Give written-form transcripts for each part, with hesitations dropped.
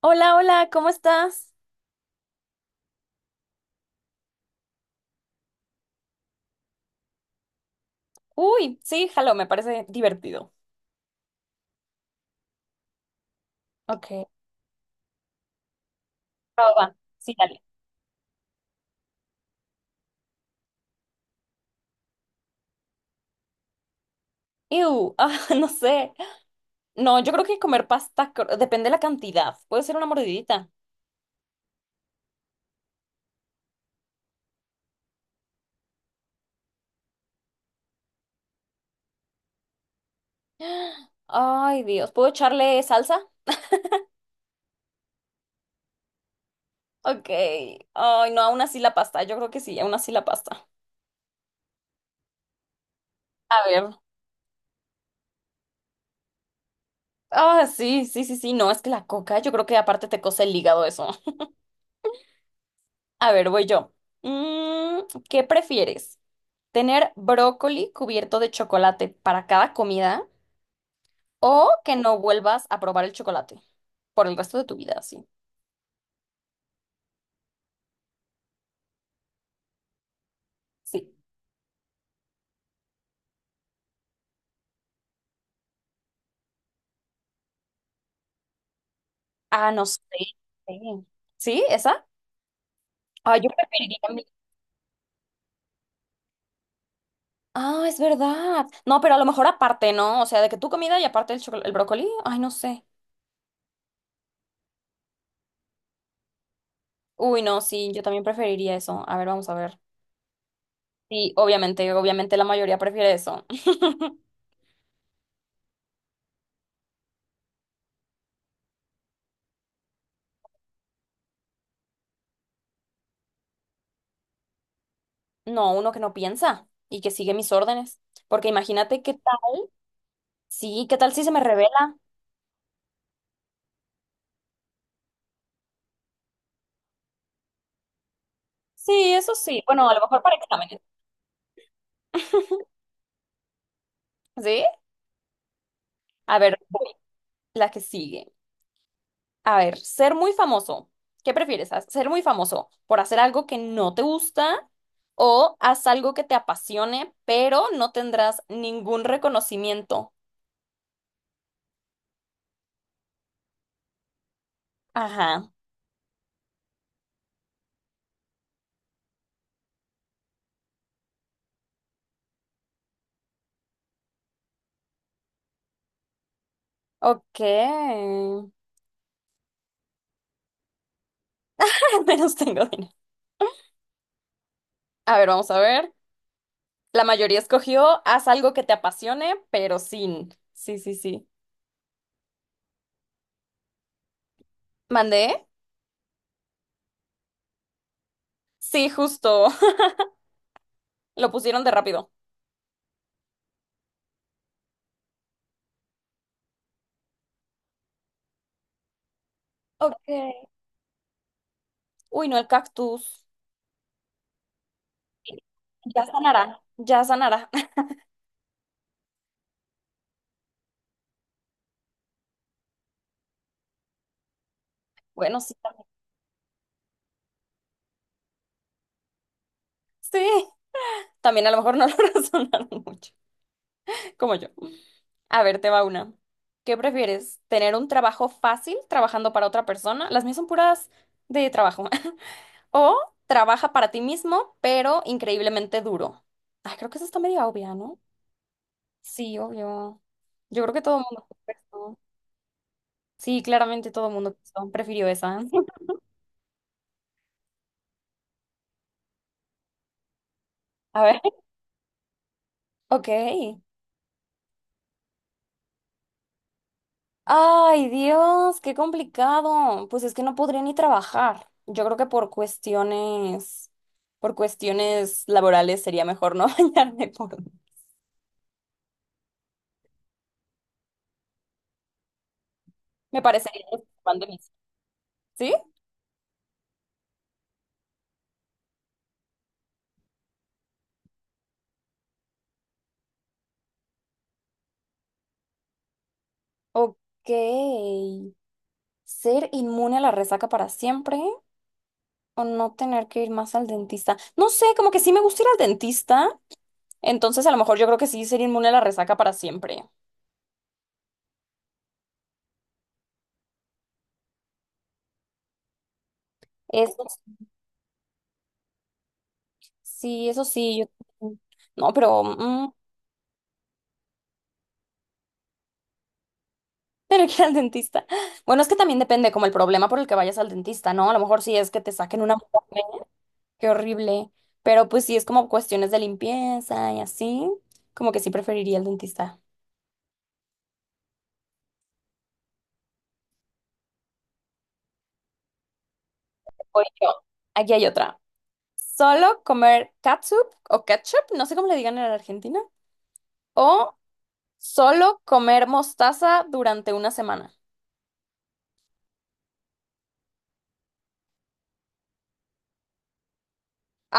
Hola, hola, ¿cómo estás? Uy, sí, jalo, me parece divertido. Ok. Va, va, va. Sí, dale. Ew, ah, no sé. No, yo creo que comer pasta, depende de la cantidad. Puede ser una mordidita. Ay, Dios, ¿puedo echarle salsa? Ok. Ay, no, aún así la pasta. Yo creo que sí, aún así la pasta. A ver. Ah, sí, sí, sí, sí. No, es que la coca, yo creo que aparte te cose el hígado eso. A ver, voy yo. Mm, ¿Qué prefieres? Tener brócoli cubierto de chocolate para cada comida o que no vuelvas a probar el chocolate por el resto de tu vida, sí. Sí. Ah, no sé. Sí, ¿sí? ¿Esa? Ah, yo preferiría. Ah, es verdad. No, pero a lo mejor aparte, ¿no? O sea, de que tu comida y aparte el chocolate, el brócoli. Ay, no sé. Uy, no, sí, yo también preferiría eso. A ver, vamos a ver. Sí, obviamente, obviamente la mayoría prefiere eso. No, uno que no piensa y que sigue mis órdenes. Porque imagínate qué tal. Sí, ¿qué tal si se me revela? Sí, eso sí. Bueno, a lo mejor para exámenes. ¿Sí? A ver, voy. La que sigue. A ver, ser muy famoso. ¿Qué prefieres? ¿Ser muy famoso por hacer algo que no te gusta o haz algo que te apasione, pero no tendrás ningún reconocimiento? Ajá. Ok. Al menos tengo dinero. A ver, vamos a ver. La mayoría escogió haz algo que te apasione, pero sin. Sí, sí, sí. ¿Mandé? Sí, justo. Lo pusieron de rápido. Ok. Uy, no, el cactus. Ya sanará. Ya sanará. Bueno, sí, también. Sí, también a lo mejor no lo razonaron mucho, como yo. A ver, te va una. ¿Qué prefieres? ¿Tener un trabajo fácil trabajando para otra persona? Las mías son puras de trabajo. O trabaja para ti mismo, pero increíblemente duro. Ay, creo que eso está medio obvia, ¿no? Sí, obvio. Yo creo que todo el mundo contestó. Sí, claramente todo el mundo contestó. Prefirió esa. A ver. Ok. Ay, Dios, qué complicado. Pues es que no podría ni trabajar. Yo creo que por cuestiones laborales sería mejor no bañarme por. Me parecería que van de mí. ¿Sí? Ok. ¿Ser inmune a la resaca para siempre o no tener que ir más al dentista? No sé, como que sí me gusta ir al dentista. Entonces a lo mejor yo creo que sí ser inmune a la resaca para siempre. Eso sí, eso sí. Yo. No, pero. Pero que ir al dentista. Bueno, es que también depende como el problema por el que vayas al dentista, ¿no? A lo mejor sí es que te saquen una muela, qué horrible. Pero pues sí es como cuestiones de limpieza y así, como que sí preferiría el dentista. Voy yo. Aquí hay otra. Solo comer catsup o ketchup, no sé cómo le digan en Argentina, o solo comer mostaza durante una semana.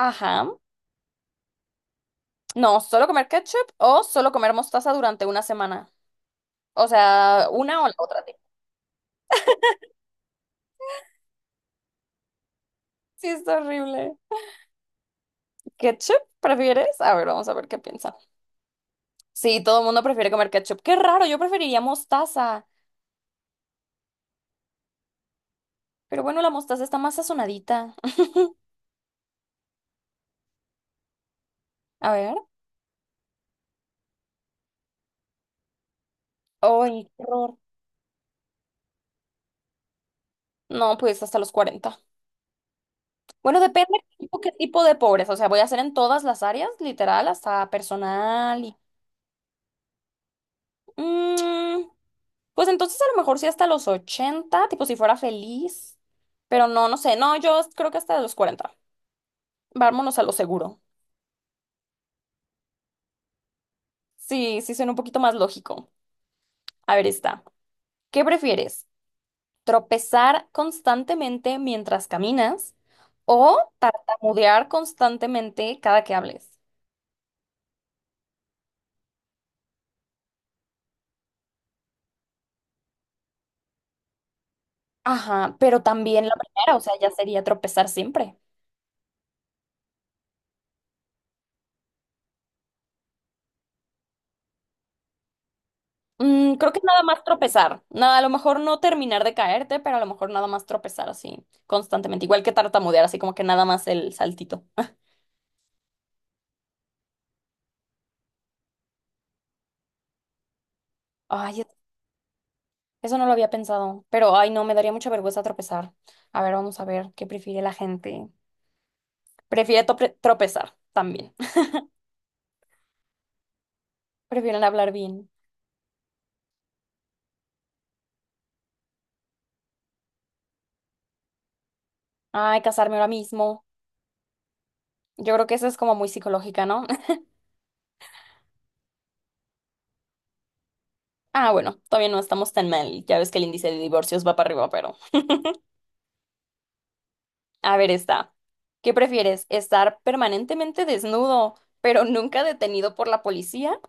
Ajá. No, solo comer ketchup o solo comer mostaza durante una semana. O sea, una o la otra. Sí, es horrible. ¿Ketchup prefieres? A ver, vamos a ver qué piensa. Sí, todo el mundo prefiere comer ketchup. Qué raro, yo preferiría mostaza. Pero bueno, la mostaza está más sazonadita. A ver. ¡Ay, qué horror! No, pues hasta los 40. Bueno, depende qué tipo de pobreza. O sea, voy a hacer en todas las áreas, literal, hasta personal y. Mm, pues entonces a lo mejor sí hasta los 80, tipo si fuera feliz. Pero no, no sé. No, yo creo que hasta los 40. Vámonos a lo seguro. Sí, sí suena un poquito más lógico. A ver, está. ¿Qué prefieres? Tropezar constantemente mientras caminas o tartamudear constantemente cada que hables. Ajá, pero también la primera, o sea, ya sería tropezar siempre. Creo que nada más tropezar. Nada, a lo mejor no terminar de caerte, pero a lo mejor nada más tropezar así constantemente. Igual que tartamudear, así como que nada más el saltito. Ay, eso no lo había pensado, pero ay, no, me daría mucha vergüenza tropezar. A ver, vamos a ver qué prefiere la gente. Prefiere tropezar también. Prefieren hablar bien. Ay, casarme ahora mismo. Yo creo que eso es como muy psicológica, ¿no? Ah, bueno, todavía no estamos tan mal. Ya ves que el índice de divorcios va para arriba, pero a ver, está. ¿Qué prefieres? ¿Estar permanentemente desnudo, pero nunca detenido por la policía?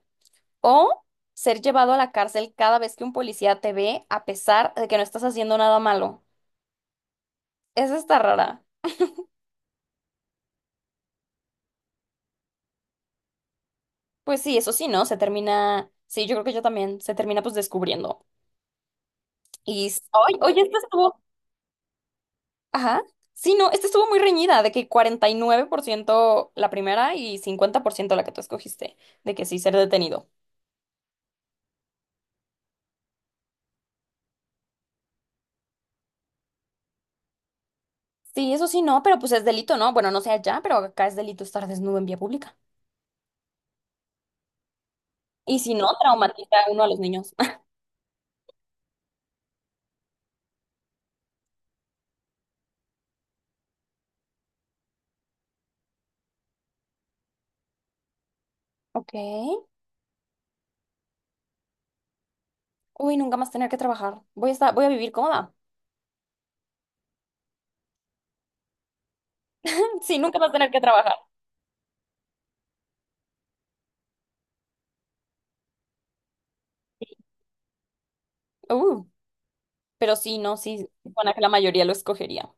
¿O ser llevado a la cárcel cada vez que un policía te ve, a pesar de que no estás haciendo nada malo? Esa está rara. Pues sí, eso sí, ¿no? Se termina. Sí, yo creo que yo también. Se termina pues descubriendo. Y. ¡Ay! Oye, esto estuvo. Ajá. Sí, no, esta estuvo muy reñida, de que 49% la primera y 50% la que tú escogiste, de que sí ser detenido. Sí, eso sí, no, pero pues es delito, ¿no? Bueno, no sé allá, pero acá es delito estar desnudo en vía pública. Y si no, traumatiza a uno a los niños. Ok. Uy, nunca más tener que trabajar. Voy a estar, voy a vivir cómoda. Sí, nunca más tener que trabajar. Uh, pero sí, no, sí, bueno, que la mayoría lo escogería.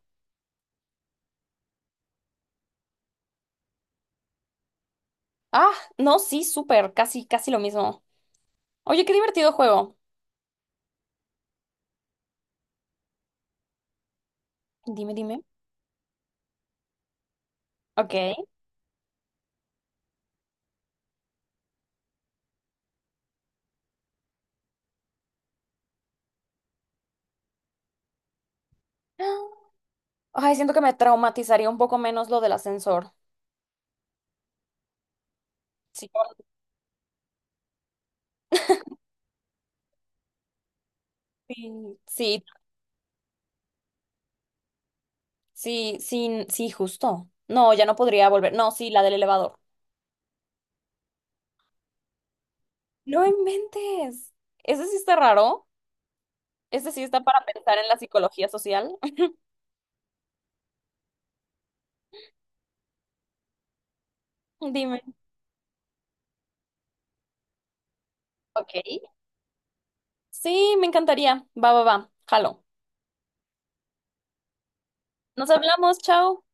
Ah, no, sí, súper, casi, casi lo mismo. Oye, qué divertido juego. Dime, dime. Ok. Ay, siento que me traumatizaría un poco menos lo del ascensor. Sí, sí, sí, sí, sí, sí, justo. No, ya no podría volver. No, sí, la del elevador. No inventes. Ese sí está raro. Ese sí está para pensar en la psicología social. Dime. Ok. Sí, me encantaría. Va, va, va. Jalo. Nos hablamos, chao.